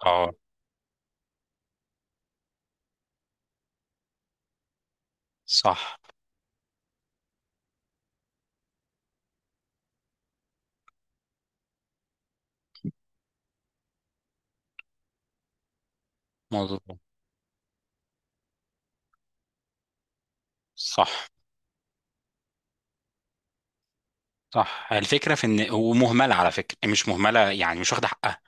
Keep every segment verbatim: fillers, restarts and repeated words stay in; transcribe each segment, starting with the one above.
اه. صح. مظبوط. صح صح. الفكره في ان ومهمله، على فكره مش مهمله، يعني مش واخده حقها.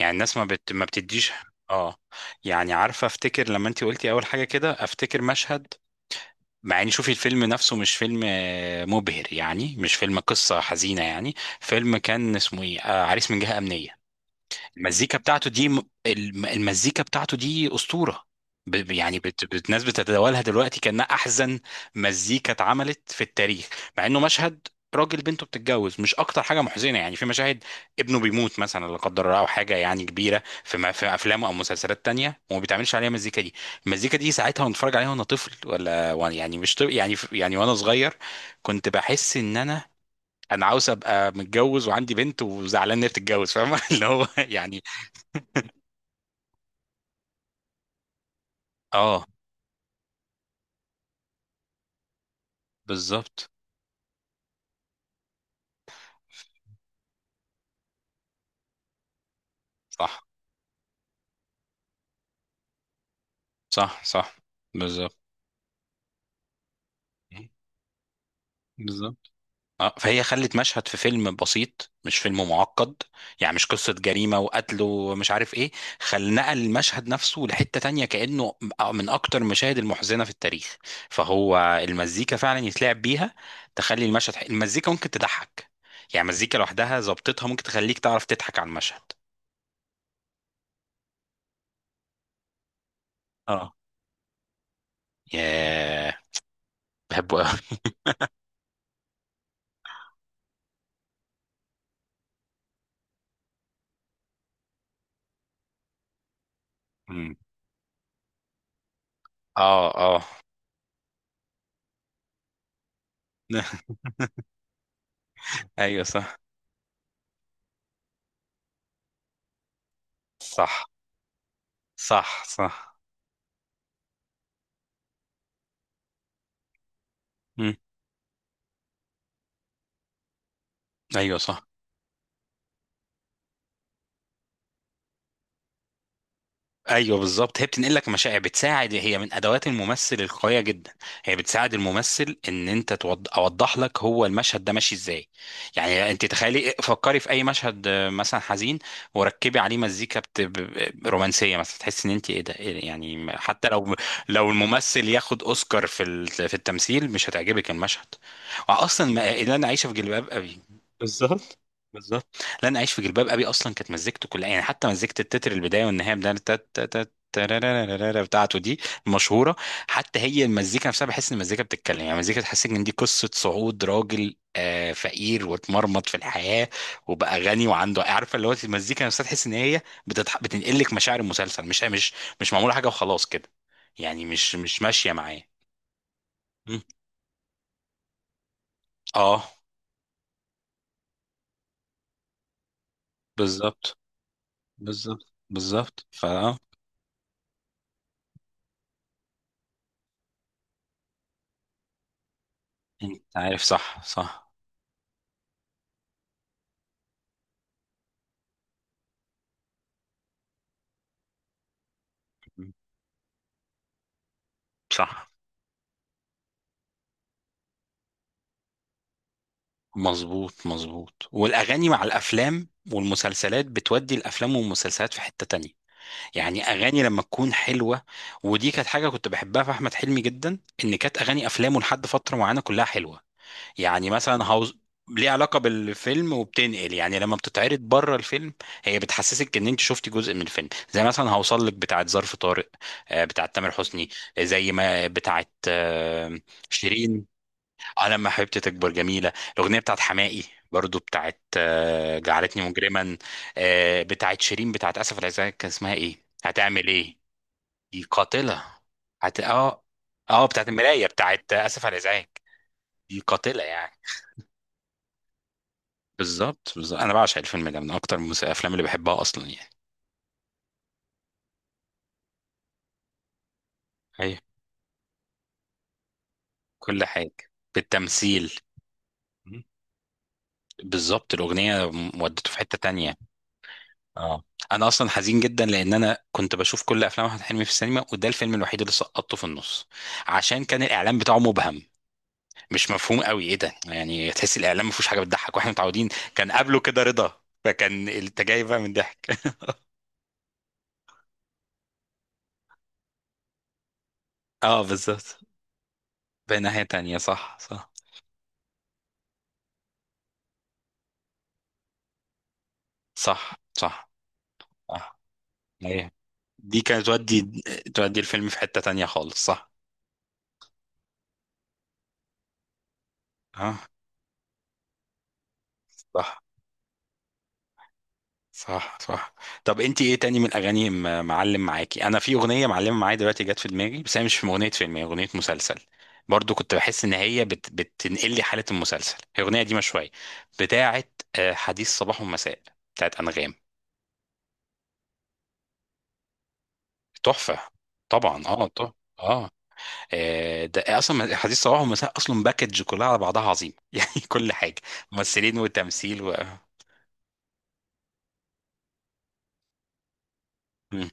يعني الناس ما بت... ما بتديش. اه. يعني عارفه افتكر لما انت قلتي اول حاجه كده افتكر مشهد، مع ان شوفي الفيلم نفسه مش فيلم آه، مبهر، يعني مش فيلم قصه حزينه يعني. فيلم كان اسمه ايه، آه، عريس من جهه امنيه. المزيكا بتاعته دي م- الم- المزيكا بتاعته دي أسطورة. ب- ب- يعني بت... بت... الناس بتتداولها دلوقتي كأنها أحزن مزيكا اتعملت في التاريخ. مع إنه مشهد راجل بنته بتتجوز، مش أكتر حاجة محزنة، يعني في مشاهد ابنه بيموت مثلا، لا قدر الله، أو حاجة يعني كبيرة في, م... في أفلام أو مسلسلات تانية، وما بيتعملش عليها المزيكا دي. المزيكا دي ساعتها وأنا بتفرج عليها وأنا طفل، ولا وأنا يعني مش طفل يعني، يعني وأنا صغير، كنت بحس إن أنا انا عاوز ابقى متجوز وعندي بنت وزعلان ان هي بتتجوز، فاهم؟ اللي هو يعني. اه، بالظبط. صح صح. صح. بالظبط بالظبط. اه، فهي خلت مشهد في فيلم بسيط، مش فيلم معقد، يعني مش قصة جريمة وقتل ومش عارف ايه، خل نقل المشهد نفسه لحتة تانية، كأنه من أكتر المشاهد المحزنة في التاريخ. فهو المزيكا فعلا يتلعب بيها، تخلي المشهد حي... المزيكا ممكن تضحك، يعني مزيكا لوحدها ظبطتها ممكن تخليك تعرف تضحك على المشهد. اه. ياه. بحبه قوي. اه اه. ايوه صح صح. صح صح. مم. ايوه صح. ايوه بالظبط، هي بتنقل لك مشاعر، بتساعد، هي من ادوات الممثل القويه جدا. هي بتساعد الممثل ان انت توض... اوضح لك هو المشهد ده ماشي ازاي. يعني انت تخيلي فكري في اي مشهد آه، مثلا حزين، وركبي عليه مزيكا بت... ب- ب- رومانسيه مثلا، تحس ان انت ايه ده، إيه ده؟ يعني حتى لو لو الممثل ياخد اوسكار في ال... في التمثيل مش هتعجبك المشهد. واصلا ما... اللي انا عايشه في جلباب ابي. بالظبط بالظبط. لن اعيش في جلباب ابي، اصلا كانت مزيكته كلها يعني، حتى مزيكه التتر البدايه والنهايه بتاع تا- تا- تا- تارارارارارا بتاعته دي المشهوره. حتى هي المزيكا نفسها بحس ان المزيكا بتتكلم، يعني المزيكا تحسسك ان دي قصه صعود راجل آه، فقير واتمرمط في الحياه وبقى غني وعنده، عارفه اللي هو المزيكا نفسها تحس ان هي بتضح... بتنقلك مشاعر المسلسل، مش مش مش معموله حاجه وخلاص كده، يعني مش مش ماشيه معايا. مم. اه بالظبط. بالظبط بالظبط فا، آه، انت عارف. صح صح. مم. صح. مظبوط مظبوط. والاغاني مع الافلام والمسلسلات بتودي الافلام والمسلسلات في حتة تانية، يعني اغاني لما تكون حلوة. ودي كانت حاجة كنت بحبها في احمد حلمي جدا، ان كانت اغاني افلامه لحد فترة معينة كلها حلوة. يعني مثلا هاوس، ليه علاقة بالفيلم وبتنقل يعني لما بتتعرض بره الفيلم، هي بتحسسك ان انت شفتي جزء من الفيلم. زي مثلا هوصل لك بتاعت ظرف طارق، آه، بتاعت تامر حسني. آه، زي ما بتاعت آه، شيرين، على ما حبيبتي تكبر، جميلة الأغنية بتاعت حماقي. برضو بتاعت آه، جعلتني مجرما، آه، بتاعت شيرين، بتاعت آسف على الإزعاج كان اسمها إيه؟ هتعمل إيه. دي قاتلة. هت... آه آه بتاعت المراية، بتاعت آسف على الإزعاج دي قاتلة يعني. بالظبط بالظبط، أنا بعشق الفيلم ده، من أكتر المس- الأفلام اللي بحبها أصلا يعني. أيوة. كل حاجة. بالتمثيل. م. بالظبط. الأغنية م- ودته في حتة تانية. اه. انا اصلا حزين جدا لان انا كنت بشوف كل افلام احمد حلمي في السينما، وده الفيلم الوحيد اللي سقطته في النص، عشان كان الاعلان بتاعه مبهم، مش مفهوم قوي ايه ده، يعني تحس الاعلان ما فيهوش حاجه بتضحك، واحنا متعودين. كان قبله كده رضا، فكان انت جاي بقى من ضحك. اه بالظبط، بقى ناحيه تانية. صح صح. صح صح. صح ايه، دي كانت تودي، تودي الفيلم في حته تانية خالص. صح. اه صح صح. صح. طب انت ايه تاني من الاغاني م- معلم معاكي؟ انا في اغنيه معلمه معايا دلوقتي جت في دماغي، بس هي مش من اغنيه فيلم، هي اغنيه مسلسل. برضو كنت بحس ان هي بت... بتنقل لي حاله المسلسل. هي اغنيه دي شويه بتاعه، آه، حديث صباح ومساء، بتاعه انغام. تحفه. طبعا اه طبعا. اه. آه، ده اصلا حديث صباح ومساء اصلا باكج كلها على بعضها عظيم. يعني كل حاجه، ممثلين وتمثيل و... مم.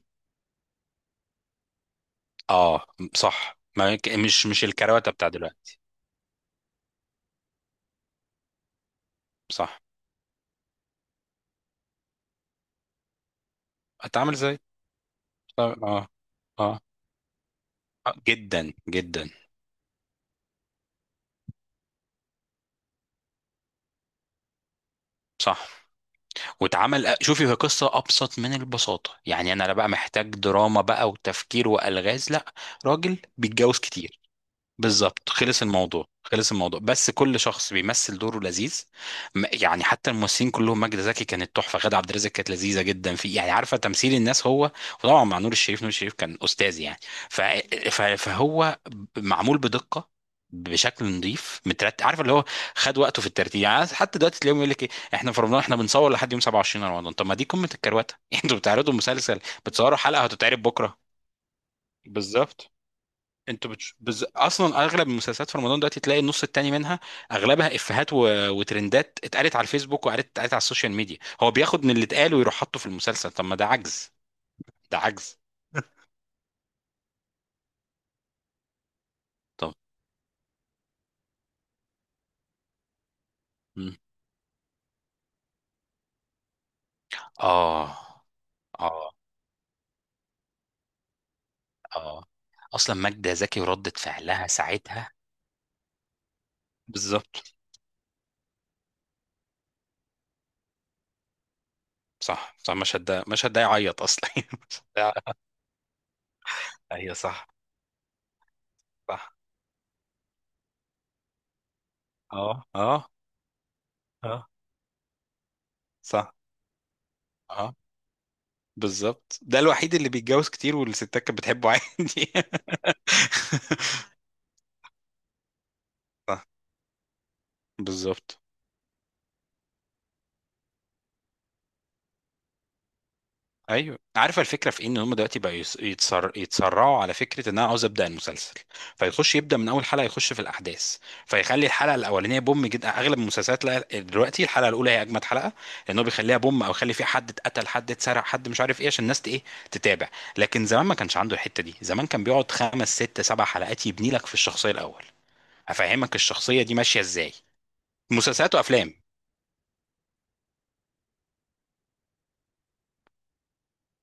اه صح ما... مش مش الكروته بتاع دلوقتي. صح. اتعامل زي، طب- اه، اه، آه، جدا جدا. صح. واتعمل، آه، شوفي هي قصه ابسط من البساطه يعني، انا لا بقى محتاج دراما بقى وتفكير والغاز، لا، راجل بيتجوز كتير. بالظبط. خلص الموضوع خلص الموضوع، بس كل شخص بيمثل دوره لذيذ. م- يعني حتى الممثلين كلهم، ماجدة زكي كانت تحفة، غادة عبد الرازق كانت لذيذة جدا، في يعني عارفة تمثيل الناس هو، وطبعا مع نور الشريف، نور الشريف كان أستاذ يعني. ف... ف... فهو معمول بدقة، بشكل نظيف مترتب، عارف اللي هو خد وقته في الترتيب. يعني حتى دلوقتي تلاقيهم يقول لك ايه، احنا في رمضان، احنا بنصور لحد يوم سبعة وعشرين رمضان. طب ما دي قمة الكروتة، انتوا بتعرضوا مسلسل بتصوروا حلقة هتتعرض بكرة. بالظبط. انتوا بتش... بز... اصلا اغلب المسلسلات في رمضان دلوقتي تلاقي النص التاني منها اغلبها افيهات و... وترندات اتقالت على الفيسبوك وقالت اتقالت على السوشيال ميديا، هو بياخد من اللي اتقال ويروح حاطه في المسلسل. طب ما ده عجز، ده عجز. طب. مم. اه اه اه. اصلا ماجدة زكي وردة فعلها ساعتها. بالظبط. صح صح، مشهد ده، مشهد ده يعيط اصلا. مشهد ده- ايوه صح. صح. اه اه اه. صح. اه بالظبط، ده الوحيد اللي بيتجوز كتير والستات كانت بتحبه عادي. صح، بالظبط. ايوه عارف الفكره في إيه؟ ان هم دلوقتي بقى يص- يتسر... يتسرعوا، على فكره ان انا عاوز ابدا المسلسل، فيخش يبدا من اول حلقه يخش في الاحداث، فيخلي الحلقه الاولانيه بوم جدا. اغلب المسلسلات لا، دلوقتي الحلقه الاولى هي اجمد حلقه، لان هو بيخليها بوم، او يخلي فيها حد اتقتل، حد اتسرق، حد مش عارف ايه، عشان الناس ت- ايه، تتابع. لكن زمان ما كانش عنده الحته دي، زمان كان بيقعد خمس ست سبع حلقات يبني لك في الشخصيه الاول، افهمك الشخصيه دي ماشيه ازاي. مسلسلات وافلام.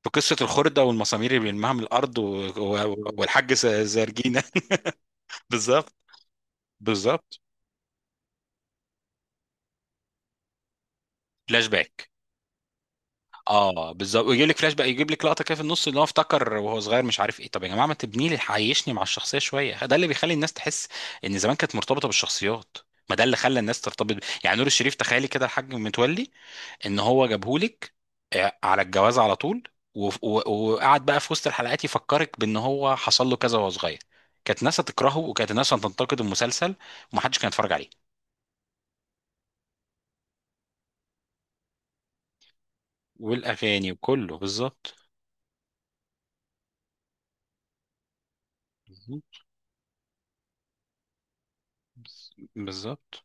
في قصة الخردة والمسامير اللي بيلمها من الأرض و... و... والحاج س- زرجينة. بالظبط بالظبط. فلاش باك. اه بالظبط، ويجيب لك فلاش باك، يجيب لك لقطة كده في النص اللي هو افتكر وهو صغير مش عارف ايه. طب يا جماعة ما تبني لي، عيشني مع الشخصية شوية، ده اللي بيخلي الناس تحس إن زمان كانت مرتبطة بالشخصيات، ما ده اللي خلى الناس ترتبط ب- يعني نور الشريف، تخيلي كده الحاج متولي، ان هو جابهولك آه، على الجواز على طول، وف- و- وقعد بقى في وسط الحلقات يفكرك بان هو حصل له كذا وهو صغير، كانت ناس هتكرهه وكانت ناس هتنتقد المسلسل، ومحدش كان يتفرج عليه. والاغاني وكله بالظبط. بالظبط. بالظبط.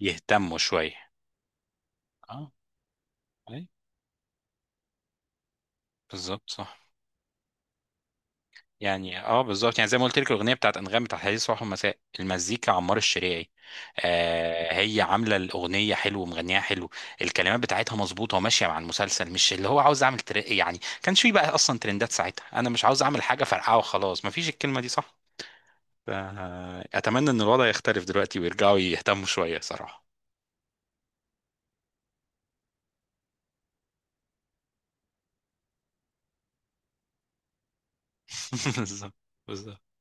يهتموا شويه. اه. أي. بالظبط. صح. يعني اه بالظبط، يعني زي ما قلت لك الاغنيه بتاعت انغام بتاعت حديث صباح ومساء، المزيكا عمار الشريعي، آه هي عامله الاغنيه حلو ومغنيها حلو، الكلمات بتاعتها مظبوطه وماشيه مع المسلسل، مش اللي هو عاوز اعمل تر... يعني كانش في بقى اصلا ترندات ساعتها، انا مش عاوز اعمل حاجه فرقعه وخلاص، مفيش الكلمه دي صح. ف- اتمنى ان الوضع يختلف دلوقتي ويرجعوا يهتموا شويه صراحه. بالظبط بالظبط.